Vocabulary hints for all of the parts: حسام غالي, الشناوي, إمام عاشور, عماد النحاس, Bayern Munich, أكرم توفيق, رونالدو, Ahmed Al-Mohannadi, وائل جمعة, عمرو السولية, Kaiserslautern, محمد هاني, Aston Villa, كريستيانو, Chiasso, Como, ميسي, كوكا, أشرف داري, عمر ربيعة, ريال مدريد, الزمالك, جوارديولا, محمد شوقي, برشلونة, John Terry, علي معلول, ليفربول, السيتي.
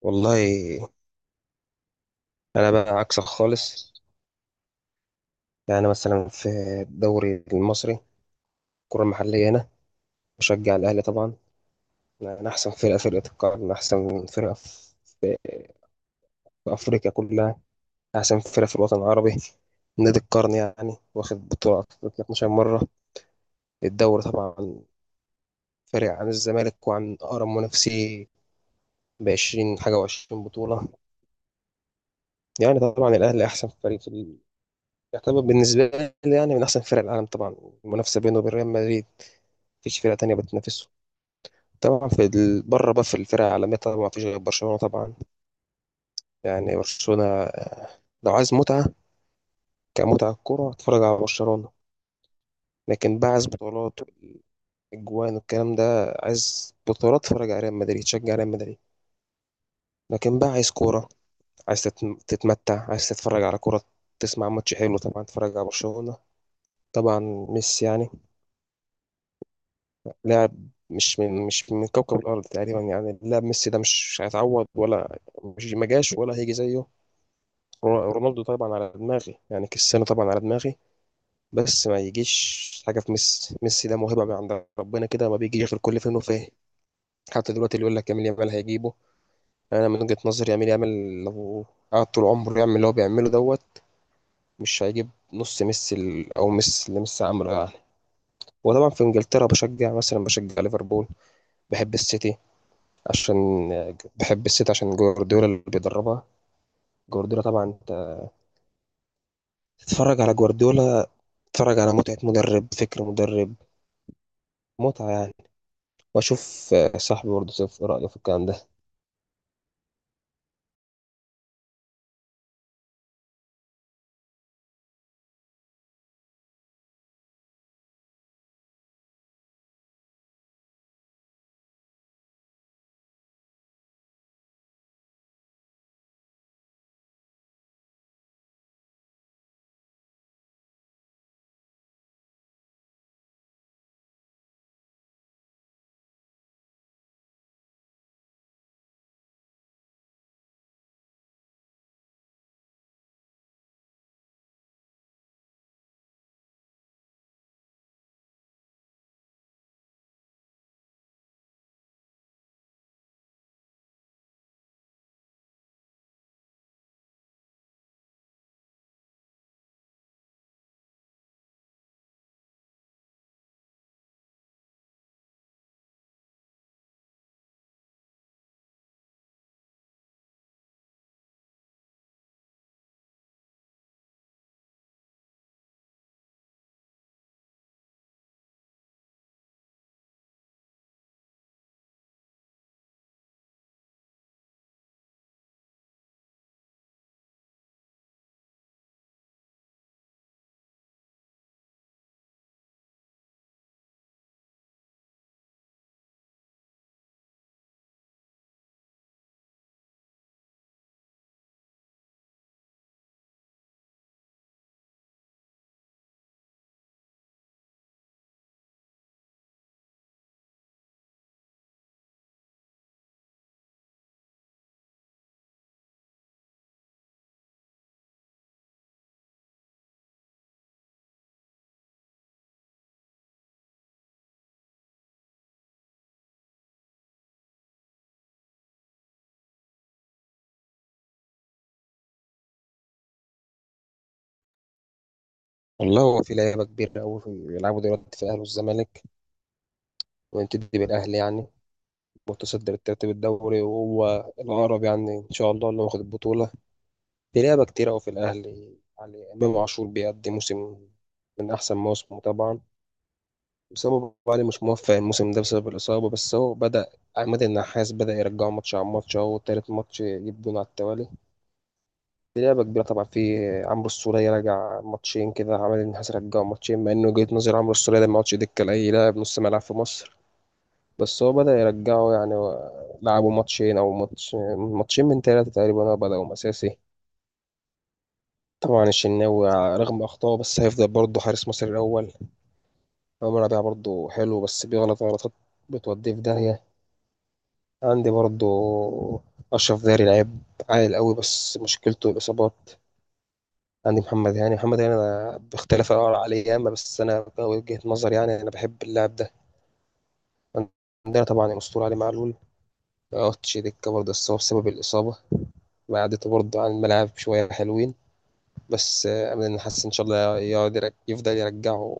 والله، انا بقى عكسك خالص. مثلا في الدوري المصري، الكره المحليه هنا بشجع الاهلي طبعا. انا احسن فرقه القرن، احسن فرقه في افريقيا كلها، احسن فرقه في الوطن العربي، نادي القرن. يعني واخد بطوله افريقيا 12 مره. الدوري طبعا فارق عن الزمالك وعن اقرب منافسيه ب 20 حاجه و20 بطوله. يعني طبعا الاهلي احسن فريق يعتبر بالنسبه لي يعني من احسن فرق العالم طبعا. المنافسه بينه وبين ريال مدريد، مفيش فرقة تانية بتنافسه طبعا. بره بقى في الفرق العالمية طبعا مفيش غير برشلونة طبعا. يعني برشلونة لو عايز متعة، كمتعة كورة، اتفرج على برشلونة. لكن بقى عايز بطولات، اجوان والكلام ده، عايز بطولات اتفرج على ريال مدريد، شجع ريال مدريد. لكن بقى عايز كورة، عايز تتمتع، عايز تتفرج على كورة، تسمع ماتش حلو، طبعا تتفرج على برشلونة. طبعا ميسي يعني لاعب مش من كوكب الأرض تقريبا. يعني لاعب ميسي ده مش هيتعوض، ولا مش ما جاش ولا هيجي زيه. رونالدو طبعا على دماغي، يعني كريستيانو طبعا على دماغي، بس ما يجيش حاجه في ميسي. ميسي ده موهبه من عند ربنا كده، ما بيجيش غير كل فين وفين. حتى دلوقتي اللي يقول لك يامال يامال هيجيبه، انا من وجهه نظري يامال يامال لو قعد طول عمره يعمل اللي هو بيعمله دوت، مش هيجيب نص ميسي او ميسي اللي ميسي عمله يعني. وطبعا في انجلترا بشجع، مثلا بشجع ليفربول، بحب السيتي، عشان بحب السيتي عشان جوارديولا اللي بيدربها. جوارديولا طبعا انت تتفرج على جوارديولا، تتفرج على متعة مدرب، فكر مدرب، متعة يعني. وأشوف صاحبي برضه شايف إيه رأيه في الكلام ده. والله هو في لعيبة كبيرة أوي بيلعبوا دلوقتي في الأهلي والزمالك. ونبتدي بالأهلي يعني، متصدر الترتيب الدوري وهو الأقرب، يعني إن شاء الله اللي واخد البطولة. في لعيبة كتيرة أوي في الأهلي يعني، إمام عاشور بيقدم موسم من أحسن مواسمه طبعا. بس هو أبو علي مش موفق الموسم ده بسبب الإصابة، بس هو بدأ، عماد النحاس بدأ يرجعه ماتش عن ماتش، أهو تالت ماتش يجيب جون على التوالي. دي لعبة كبيرة طبعا. في عمرو السولية راجع ماتشين كده، عمل النحاس رجعه ماتشين، مع انه وجهة نظر عمرو السولية ده ما عادش دكة لأي لاعب نص ملعب في مصر، بس هو بدأ يرجعه يعني. لعبوا ماتشين أو ماتش، ماتشين من 3 تقريبا هو بدأوا أساسي. طبعا الشناوي رغم أخطائه بس هيفضل برضه حارس مصر الأول. عمر ربيعة برضه حلو بس بيغلط غلطات بتوديه في داهية. عندي برضه أشرف داري، لعيب عالي قوي بس مشكلته الإصابات. عندي محمد هاني، محمد هاني أنا باختلاف الآراء عليه ياما، بس أنا وجهة نظر يعني أنا بحب اللاعب ده. عندنا طبعا الأسطورة علي معلول، مقعدش دكة برضه بس هو بسبب الإصابة بعدته برضه عن الملاعب شوية حلوين. بس أمل إن حاسس إن شاء الله يقعد يفضل يرجعه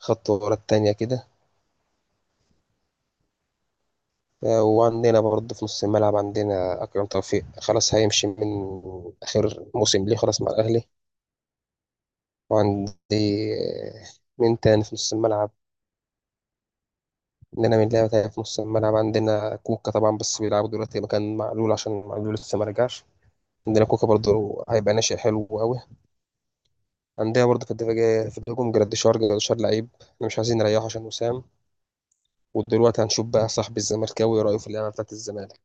خطوة ورا التانية كده. وعندنا برضه في نص الملعب عندنا أكرم توفيق، خلاص هيمشي من آخر موسم ليه خلاص مع الأهلي. وعندي آه، مين تاني في نص الملعب؟ عندنا من لعبة تانية في نص الملعب عندنا كوكا طبعا، بس بيلعبوا دلوقتي مكان معلول عشان معلول لسه ما رجعش. عندنا كوكا برضه هيبقى ناشئ حلو قوي. عندنا برضه في الدفاع في الهجوم جراديشار، لعيب احنا مش عايزين نريحه عشان وسام. ودلوقتي هنشوف بقى صاحب الزمالكاوي رأيه في اللعبة بتاعت الزمالك.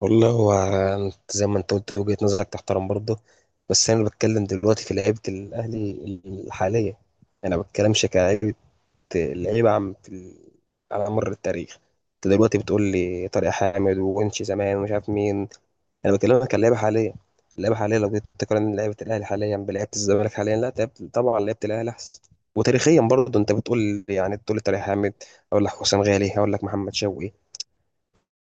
والله هو، أنت زي ما انت قلت وجهة نظرك تحترم برضه، بس انا بتكلم دلوقتي في لعيبة الاهلي الحالية، انا ما بتكلمش كلاعب اللعيبه عم على مر التاريخ. انت دلوقتي بتقول لي طارق حامد وونش زمان ومش عارف مين، انا بكلمك عن اللعيبه حاليا. اللعيبه حاليا لو جيت تقارن لعيبه الاهلي حاليا بلعيبه الزمالك حاليا، لا طبعا لعيبه الاهلي احسن. وتاريخيا برضه انت بتقول يعني تقول لي طارق حامد، اقول لك حسام غالي، هقول لك محمد شوقي،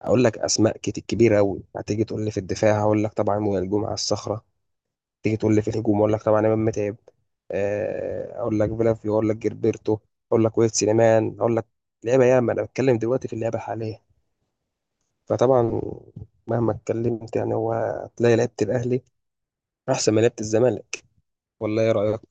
اقول لك اسماء كتير كبيره قوي. هتيجي تقول لي في الدفاع، هقول لك طبعا وائل جمعه الصخره. تيجي تقول لي في الهجوم، اقول لك طبعا امام متعب، اقول لك فيلافيو، اقول لك جيربرتو، اقول لك ويت سليمان، اقول لك لعيبه ياما. انا بتكلم دلوقتي في اللعبه الحاليه، فطبعا مهما اتكلمت يعني، هو تلاقي لعيبه الاهلي احسن من لعيبه الزمالك، ولا ايه رايك؟